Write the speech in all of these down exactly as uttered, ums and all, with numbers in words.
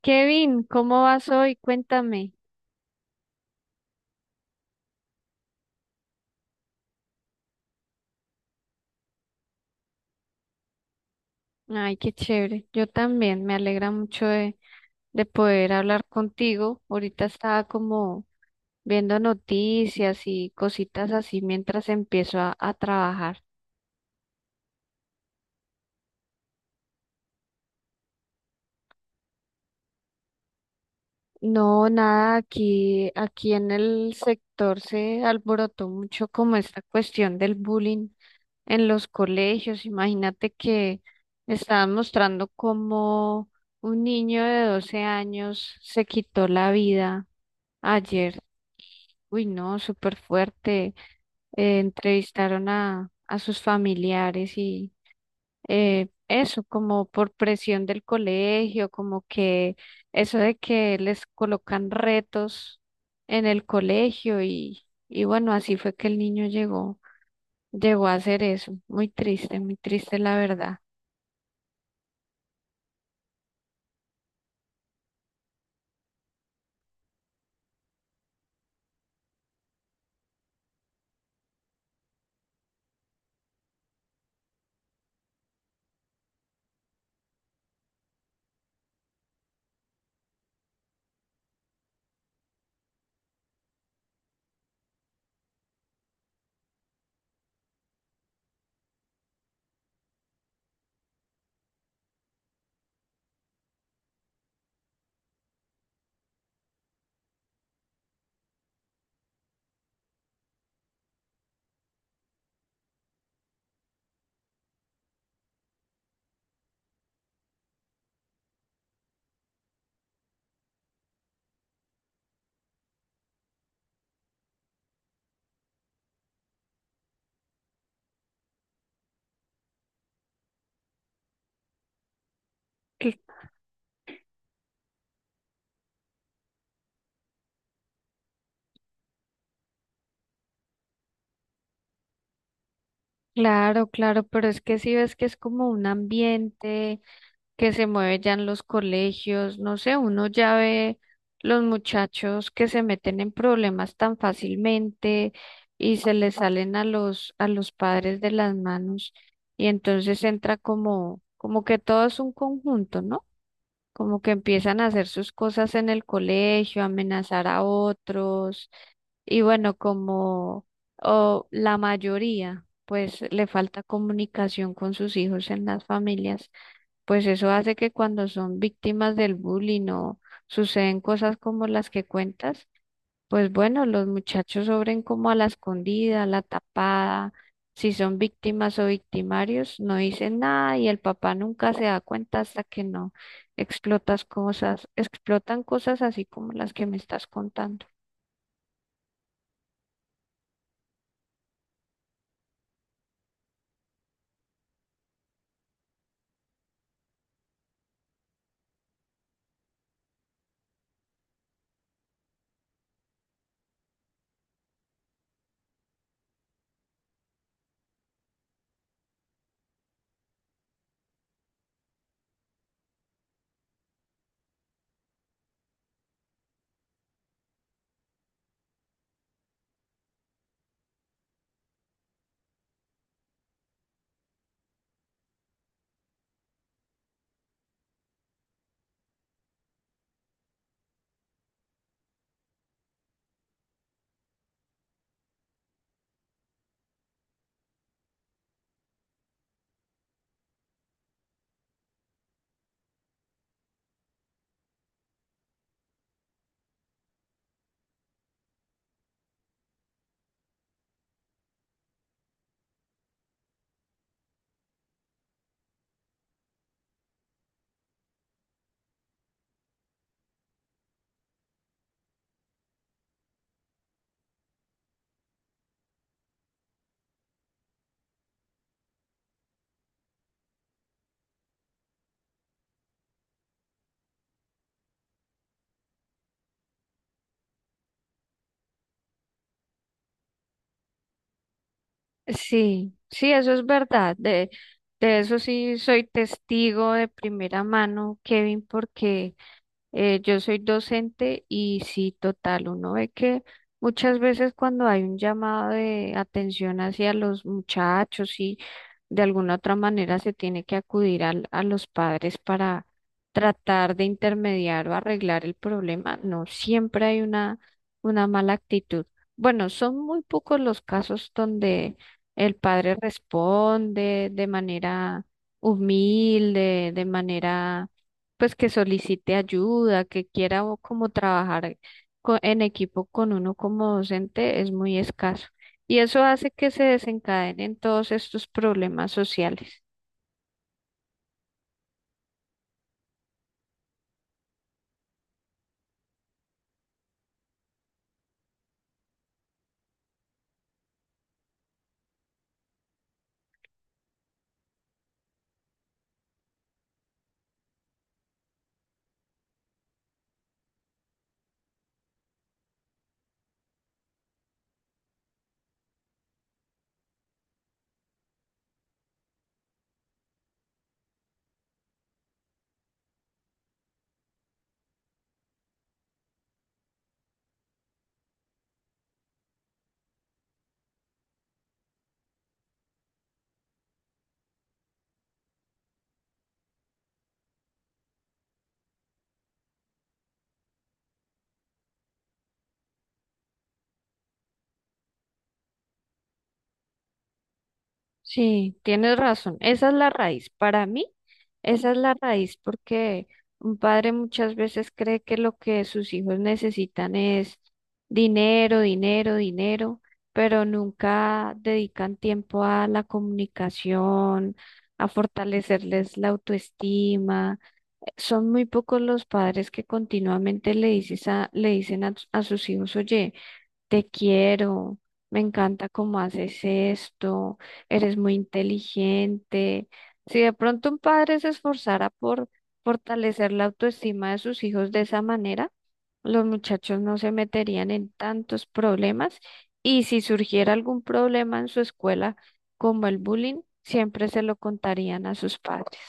Kevin, ¿cómo vas hoy? Cuéntame. Ay, qué chévere. Yo también. Me alegra mucho de, de poder hablar contigo. Ahorita estaba como viendo noticias y cositas así mientras empiezo a, a trabajar. No, nada, aquí, aquí en el sector se alborotó mucho como esta cuestión del bullying en los colegios. Imagínate que estaban mostrando cómo un niño de doce años se quitó la vida Ayer, uy, no, súper fuerte. Eh, entrevistaron a, a sus familiares y eh, eso, como por presión del colegio, como que eso de que les colocan retos en el colegio y, y bueno, así fue que el niño llegó, llegó a hacer eso. Muy triste, muy triste la verdad. Cl- Claro, claro, pero es que si ves que es como un ambiente. que se mueve ya en los colegios. No sé, uno ya ve los muchachos que se meten en problemas tan fácilmente y se les salen a los a los padres de las manos, y entonces entra como como que todo es un conjunto, ¿no? Como que empiezan a hacer sus cosas en el colegio, amenazar a otros y bueno, como o la mayoría pues le falta comunicación con sus hijos en las familias, pues eso hace que cuando son víctimas del bullying o suceden cosas como las que cuentas, pues bueno, los muchachos sobren como a la escondida, a la tapada, si son víctimas o victimarios, no dicen nada y el papá nunca se da cuenta hasta que no explotas cosas, explotan cosas así como las que me estás contando. Sí, sí, eso es verdad. De, de eso sí soy testigo de primera mano, Kevin, porque Eh, yo soy docente y sí, total, uno ve que muchas veces cuando hay un llamado de atención hacia los muchachos y de alguna otra manera se tiene que acudir al- a los padres para tratar de intermediar o arreglar el problema, no siempre hay una, una mala actitud. Bueno, son muy pocos los casos donde el padre responde de manera humilde, de manera pues que solicite ayuda, que quiera o como trabajar co- en equipo con uno como docente, es muy escaso. Y eso hace que se desencadenen todos estos problemas sociales. Sí, tienes razón. Esa es la raíz. Para mí, esa es la raíz, porque un padre muchas veces cree que lo que sus hijos necesitan es dinero, dinero, dinero, pero nunca dedican tiempo a la comunicación, a fortalecerles la autoestima. Son muy pocos los padres que continuamente le dices a- le dicen a a sus hijos: oye, te quiero, me encanta cómo haces esto, eres muy inteligente. Si de pronto un padre se esforzara por fortalecer la autoestima de sus hijos de esa manera, los muchachos no se meterían en tantos problemas, y si surgiera algún problema en su escuela, como el bullying, siempre se lo contarían a sus padres.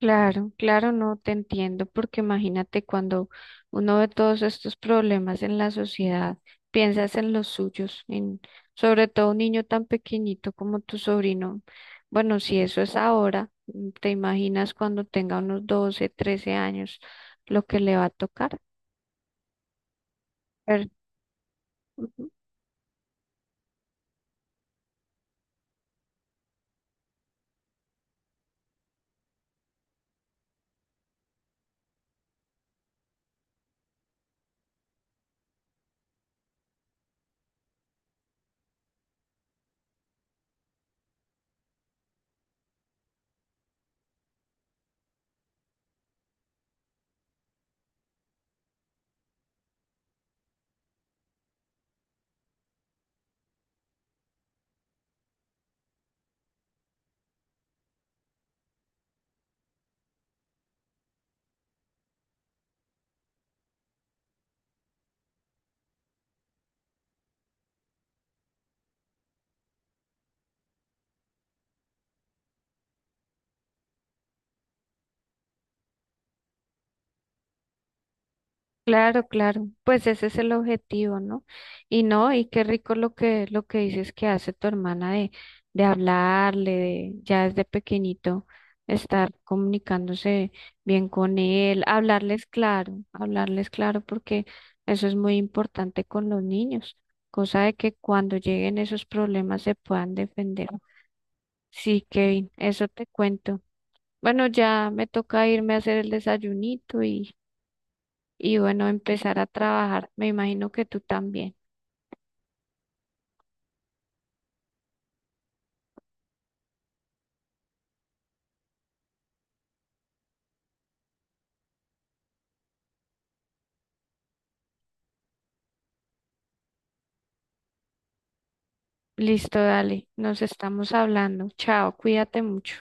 Claro, claro, no te entiendo, porque imagínate cuando uno ve todos estos problemas en la sociedad, piensas en los suyos, en sobre todo un niño tan pequeñito como tu sobrino. Bueno, si eso es ahora, mm, te imaginas cuando tenga unos doce, trece años, lo que le va a tocar. Pero, claro, claro, pues ese es el objetivo, ¿no? Y no, y qué rico lo que, lo que dices que hace tu hermana de, de hablarle, de, ya desde pequeñito estar comunicándose bien con él, hablarles claro, hablarles claro, porque eso es muy importante con los niños, cosa de que cuando lleguen esos problemas se puedan defender. Sí, Kevin, eso te cuento. Bueno, ya me toca irme a hacer el desayunito y y bueno, empezar a trabajar. Me imagino que tú también. Listo, dale, nos estamos hablando. Chao, cuídate mucho.